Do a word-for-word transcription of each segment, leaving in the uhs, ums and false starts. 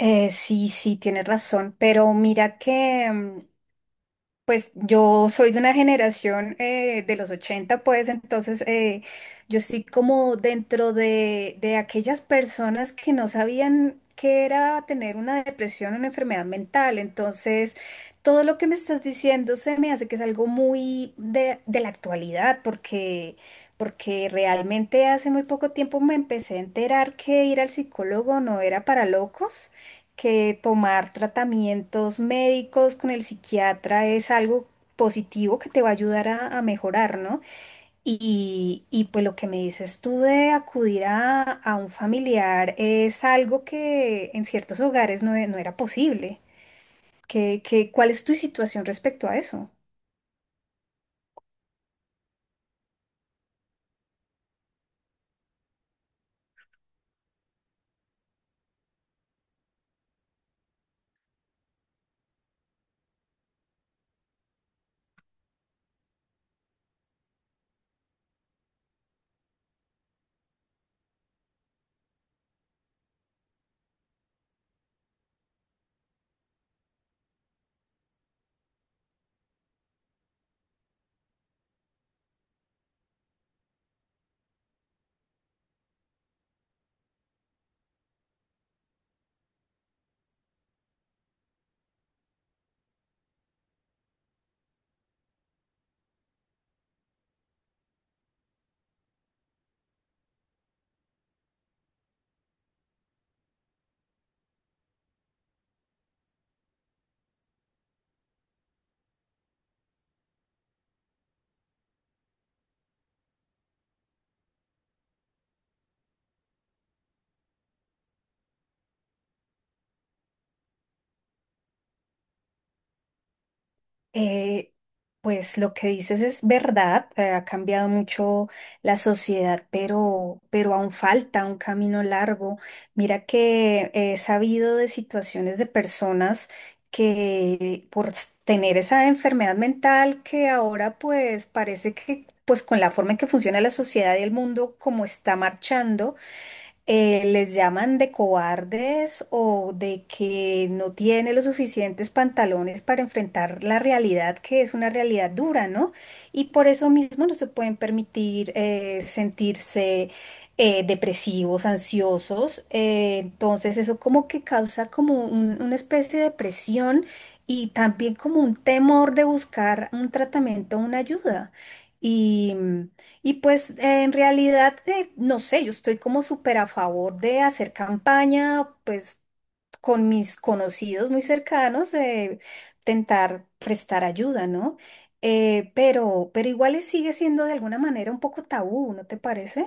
Eh, sí, sí, tienes razón, pero mira que, mm, pues yo soy de una generación eh, de los ochenta, pues entonces eh, yo estoy como dentro de, de aquellas personas que no sabían qué era tener una depresión o una enfermedad mental, entonces todo lo que me estás diciendo se me hace que es algo muy de, de la actualidad, porque... Porque realmente hace muy poco tiempo me empecé a enterar que ir al psicólogo no era para locos, que tomar tratamientos médicos con el psiquiatra es algo positivo que te va a ayudar a, a mejorar, ¿no? Y, y pues lo que me dices tú de acudir a, a un familiar es algo que en ciertos hogares no, e- no era posible. ¿Qué, qué- cuál es tu situación respecto a eso? Eh, pues lo que dices es verdad, eh, ha cambiado mucho la sociedad, pero, pero aún falta un camino largo. Mira que he sabido de situaciones de personas que por s- tener esa enfermedad mental que ahora pues parece que pues con la forma en que funciona la sociedad y el mundo como está marchando, eh, les llaman de cobardes o de que no tiene los suficientes pantalones para enfrentar la realidad, que es una realidad dura, ¿no? Y por eso mismo no se pueden permitir eh, sentirse eh, depresivos, ansiosos. Eh, entonces eso como que causa como un- una especie de presión y también como un temor de buscar un tratamiento, una ayuda. Y pues eh, en realidad, eh, no sé, yo estoy como súper a favor de hacer campaña, pues con mis conocidos muy cercanos, de intentar prestar ayuda, ¿no? Eh, pero, pero igual es- sigue siendo de alguna manera un poco tabú, ¿no te parece?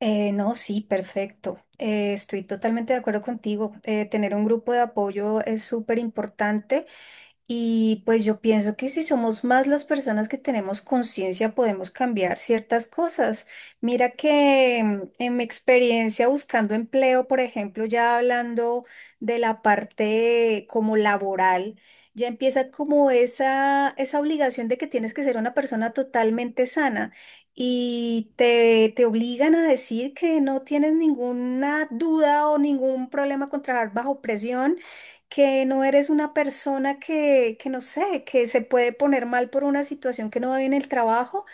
Eh, no, sí, perfecto. Eh, estoy totalmente de acuerdo contigo. Eh, tener un grupo de apoyo es súper importante. Y pues yo pienso que si somos más las personas que tenemos conciencia, podemos cambiar ciertas cosas. Mira que mm, en mi experiencia buscando empleo, por ejemplo, ya hablando de la parte como laboral, ya empieza como esa, esa obligación de que tienes que ser una persona totalmente sana. Y te, te obligan a decir que no tienes ninguna duda o ningún problema con trabajar bajo presión, que no eres una persona que, que no sé, que se puede poner mal por una situación que no va bien en el trabajo,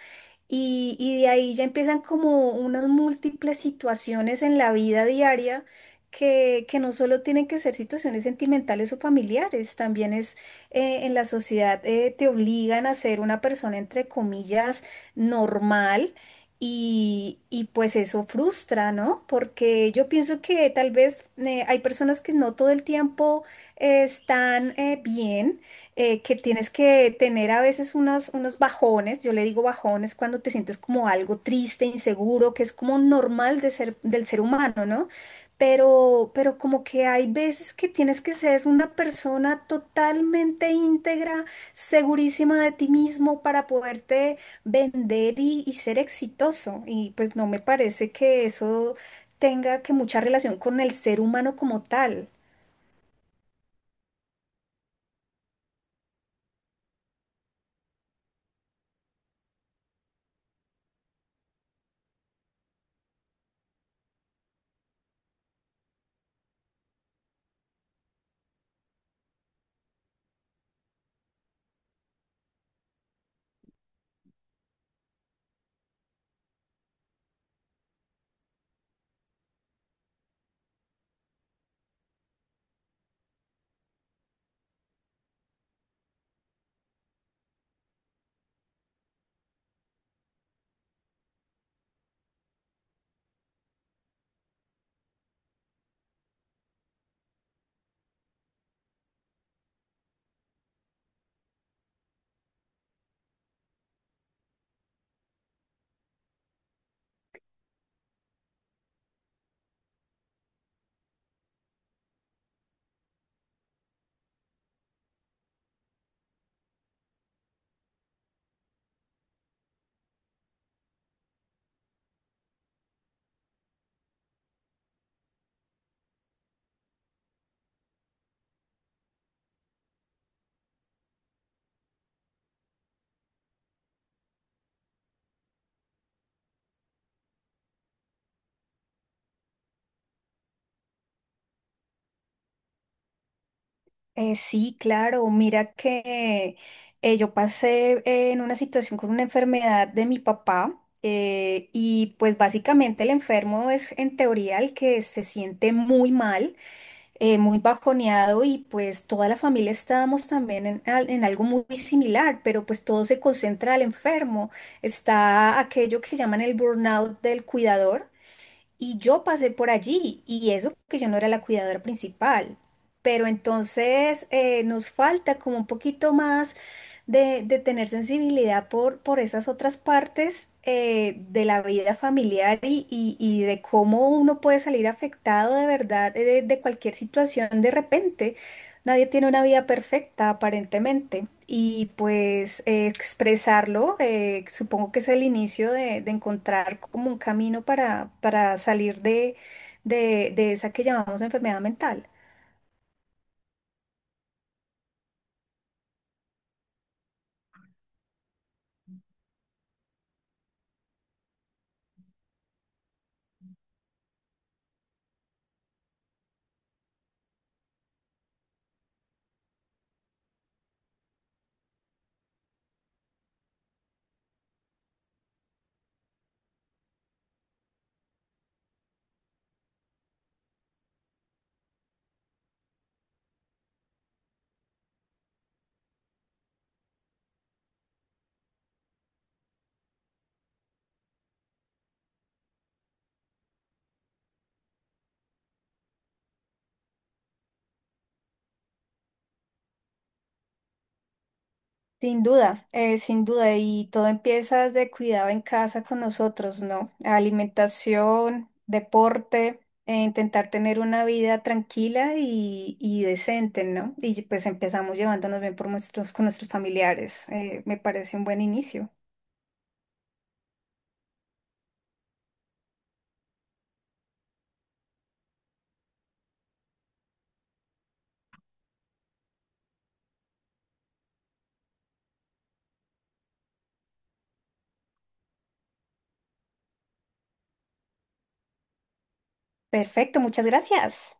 y, y de ahí ya empiezan como unas múltiples situaciones en la vida diaria que, que no solo tienen que ser situaciones sentimentales o familiares, también es eh, en la sociedad eh, te obligan a ser una persona entre comillas normal, y, y pues eso frustra, ¿no? Porque yo pienso que tal vez eh, hay personas que no todo el tiempo eh, están eh, bien, eh, que tienes que tener a veces unos, unos bajones, yo le digo bajones cuando te sientes como algo triste, inseguro, que es como normal de ser, del ser humano, ¿no? Pero, pero como que hay veces que tienes que ser una persona totalmente íntegra, segurísima de ti mismo para poderte vender y, y ser exitoso. Y pues no me parece que eso tenga que mucha relación con el ser humano como tal. Eh, sí, claro. Mira que eh, yo pasé eh, en una situación con una enfermedad de mi papá eh, y pues básicamente el enfermo es en teoría el que se siente muy mal, eh, muy bajoneado y pues toda la familia estábamos también en, al- en algo muy similar, pero pues todo se concentra al enfermo. Está aquello que llaman el burnout del cuidador y yo pasé por allí, y eso que yo no era la cuidadora principal. Pero entonces eh, nos falta como un poquito más de, de tener sensibilidad por, por esas otras partes eh, de la vida familiar y, y- y de cómo uno puede salir afectado de verdad eh, de, de cualquier situación de repente. Nadie tiene una vida perfecta, aparentemente, y pues eh, expresarlo, eh, supongo que es el inicio de, de encontrar como un camino para, para salir de, de, de esa que llamamos enfermedad mental. Sin duda, eh, sin duda, y todo empieza desde cuidado en casa con nosotros, ¿no? Alimentación, deporte, eh, intentar tener una vida tranquila y, y decente, ¿no? Y pues empezamos llevándonos bien por nuestros, con nuestros familiares. Eh, me parece un buen inicio. Perfecto, muchas gracias.